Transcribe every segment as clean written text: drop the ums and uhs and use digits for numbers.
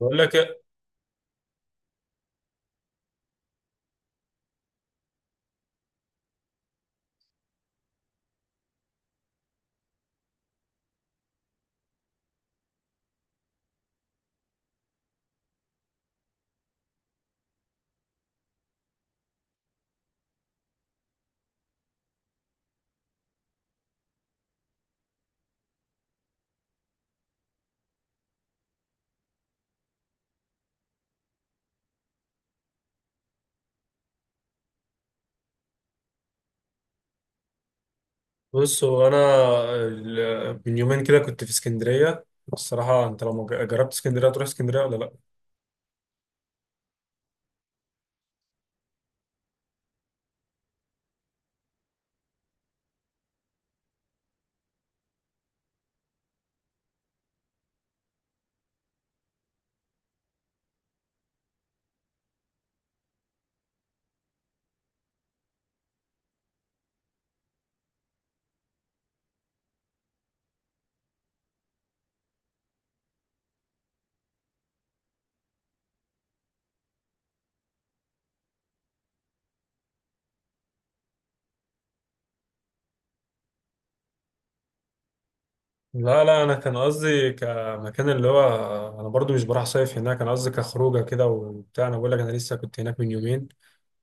بقول لك إيه؟ بص، هو انا من يومين كده كنت في اسكندريه. الصراحه انت لو جربت اسكندريه تروح اسكندريه ولا لا؟ لا لا، انا كان قصدي كمكان اللي هو، انا برضو مش بروح صيف هناك، انا قصدي كخروجه كده وبتاع. انا بقول لك انا لسه كنت هناك من يومين،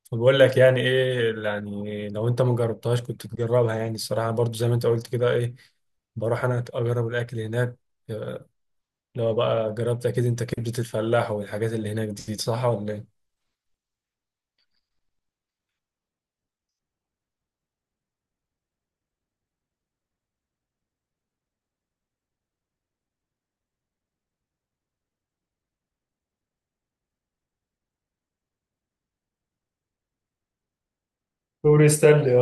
فبقول لك يعني ايه، يعني لو انت ما جربتهاش كنت تجربها. يعني الصراحه برضو زي ما انت قلت كده، ايه، بروح انا اجرب الاكل هناك. لو بقى جربت، اكيد انت كبده الفلاح والحاجات اللي هناك دي، صح ولا ايه؟ دوري ستانلي.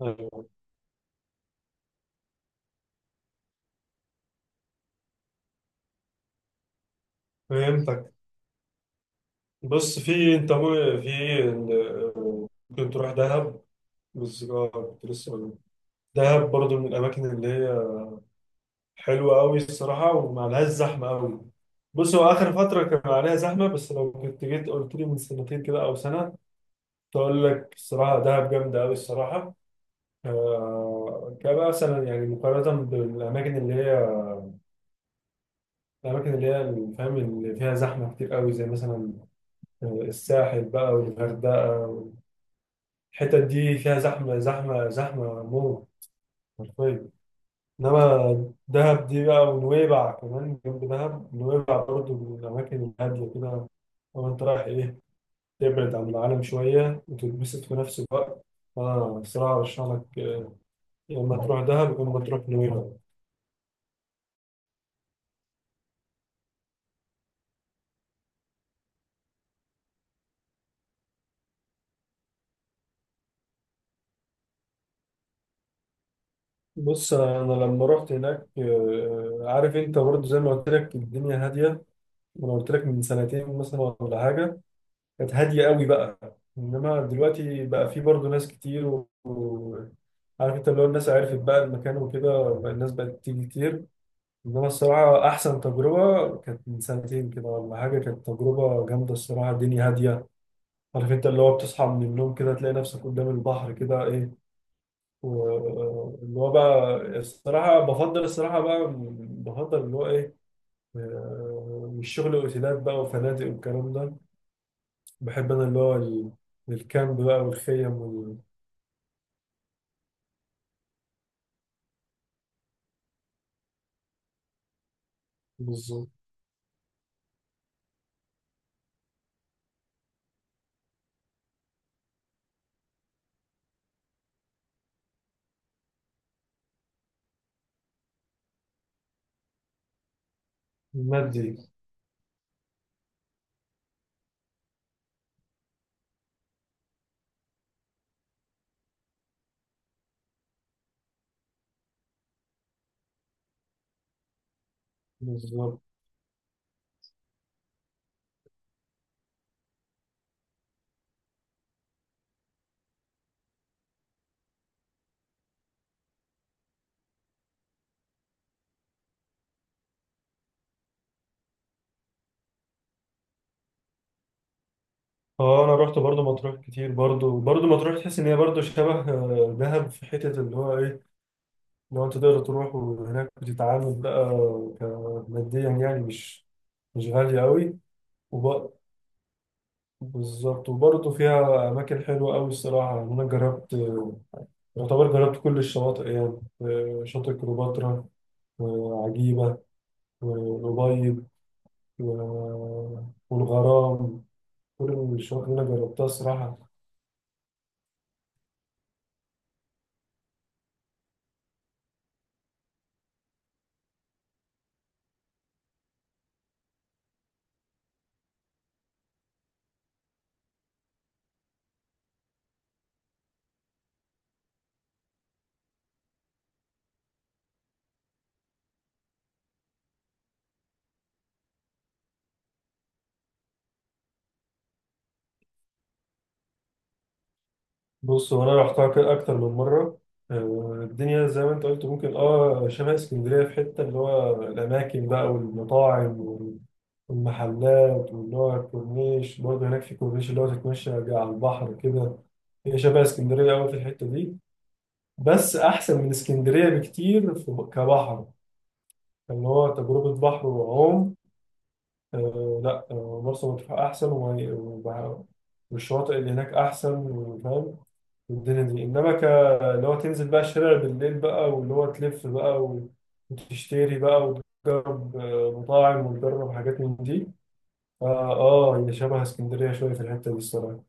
اه، فهمتك. بص، في انت في ممكن تروح دهب. بس اه كنت لسه بقول، دهب برضو من الاماكن اللي هي حلوه قوي الصراحه وما عليهاش زحمه قوي. بص، هو اخر فتره كان عليها زحمه، بس لو كنت جيت قلت لي من سنتين كده او سنه، تقول لك الصراحه دهب جامده قوي الصراحه. كبقى مثلا، يعني مقارنه بالاماكن اللي هي، الاماكن اللي هي اللي فاهم، اللي فيها زحمه كتير قوي، زي مثلا الساحل بقى والغردقه. الحتت دي فيها زحمة زحمة زحمة موت، حرفيا. إنما دهب دي بقى، ونويبع كمان جنب دهب، نويبع برضه من الأماكن الهادية كده. لو أنت رايح إيه، تبعد عن العالم شوية وتتبسط في نفس الوقت، أنا الصراحة أرشح لك، يا إما تروح دهب يا إما تروح نويبع. بص، أنا لما رحت هناك، عارف أنت برضه زي ما قلت لك الدنيا هادية، وأنا قلت لك من سنتين مثلا ولا حاجة، كانت هادية قوي بقى. انما دلوقتي بقى في برضه ناس كتير عارف انت اللي هو الناس عرفت بقى المكان وكده، بقى الناس بقت تيجي كتير. انما الصراحة احسن تجربة كانت من سنتين كده ولا حاجة، كانت تجربة جامدة الصراحة، الدنيا هادية. عارف انت اللي هو بتصحى من النوم كده تلاقي نفسك قدام البحر كده، ايه، واللي هو بقى الصراحة بفضل، الصراحة بقى بفضل اللي هو ايه، مش شغل اوتيلات بقى وفنادق والكلام ده. بحب انا اللي هو الكامب بقى والخيم بالظبط. المادي، بالظبط. اه، انا رحت برضو مطروح كتير. برضو برضو مطروح تحس ان هي برضو شبه دهب في حتة اللي هو ايه، لو انت تقدر تروح. وهناك بتتعامل بقى ماديا، يعني مش، مش غالية قوي. وب... بالظبط. وبرضو فيها اماكن حلوة قوي الصراحة. يعني انا جربت، يعتبر جربت كل الشواطئ، يعني شاطئ كليوباترا، وعجيبة، والأبيض، و- والغرام، كل الشواطئ اللي انا جربتها الصراحه. بص، وانا رحتها كده اكتر من مره، الدنيا زي ما انت قلت ممكن اه شبه اسكندريه في حته، اللي هو الاماكن بقى والمطاعم والمحلات، واللي هو الكورنيش برضه هناك في كورنيش، اللي هو تتمشى على البحر كده. هي شبه اسكندريه قوي في الحته دي، بس احسن من اسكندريه بكتير في كبحر، اللي هو تجربه بحر وعوم. آه لا، آه، مرسى مطروح أحسن. والشواطئ اللي هناك أحسن، وفاهم الدنيا دي. إنما ك، اللي هو تنزل بقى الشارع بالليل بقى، واللي هو تلف بقى وتشتري بقى وتجرب، مطاعم وتجرب حاجات من دي. آه، هي شبه اسكندرية شوية في الحتة دي الصراحة.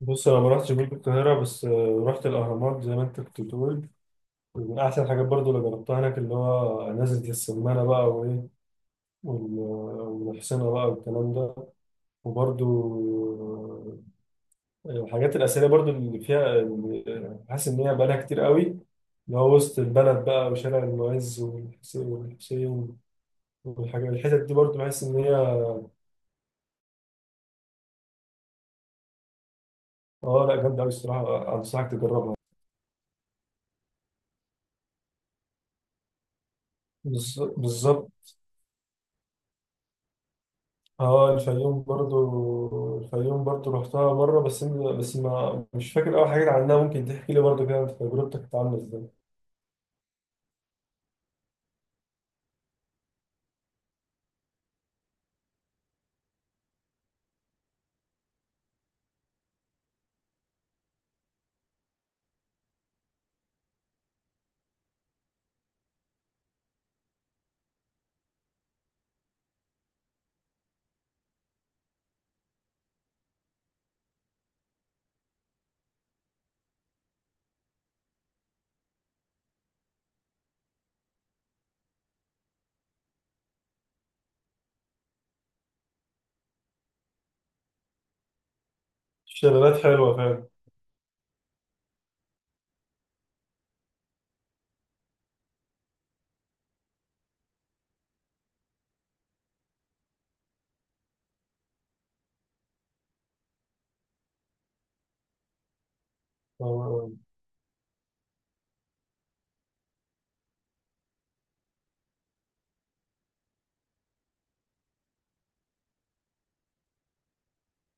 بص، أنا ما رحتش برج القاهرة، بس آه رحت الأهرامات زي ما أنت كنت بتقول، ومن أحسن الحاجات برضو اللي جربتها هناك اللي هو نزلة السمانة بقى، وإيه، والحصينة بقى والكلام ده. وبرضو الحاجات الأثرية برضو اللي فيها، اللي حاسس إن هي بقالها كتير قوي، اللي هو وسط البلد بقى وشارع المعز والحسين والحسين والحاجات، الحتت دي برضو بحس إن هي، اه لا، جامدة أوي الصراحة، أنصحك تجربها. بالظبط. اه، الفيوم برضو، الفيوم برضو رحتها مرة، بس بس ما مش فاكر أوي حاجات عنها. ممكن تحكي لي برضو كده تجربتك كانت عاملة إزاي؟ الشلالات حلوة فعلا. آه، آه.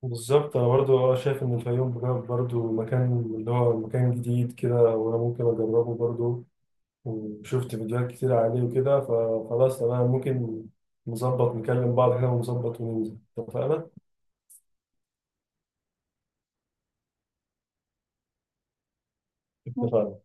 بالظبط، انا برضو اه شايف ان الفيوم بجد برضو مكان، اللي هو مكان جديد كده وانا ممكن اجربه برضو، وشفت فيديوهات كتير عليه وكده، فخلاص تمام، ممكن نظبط نكلم بعض كده ونظبط وننزل، اتفقنا؟ اتفقنا.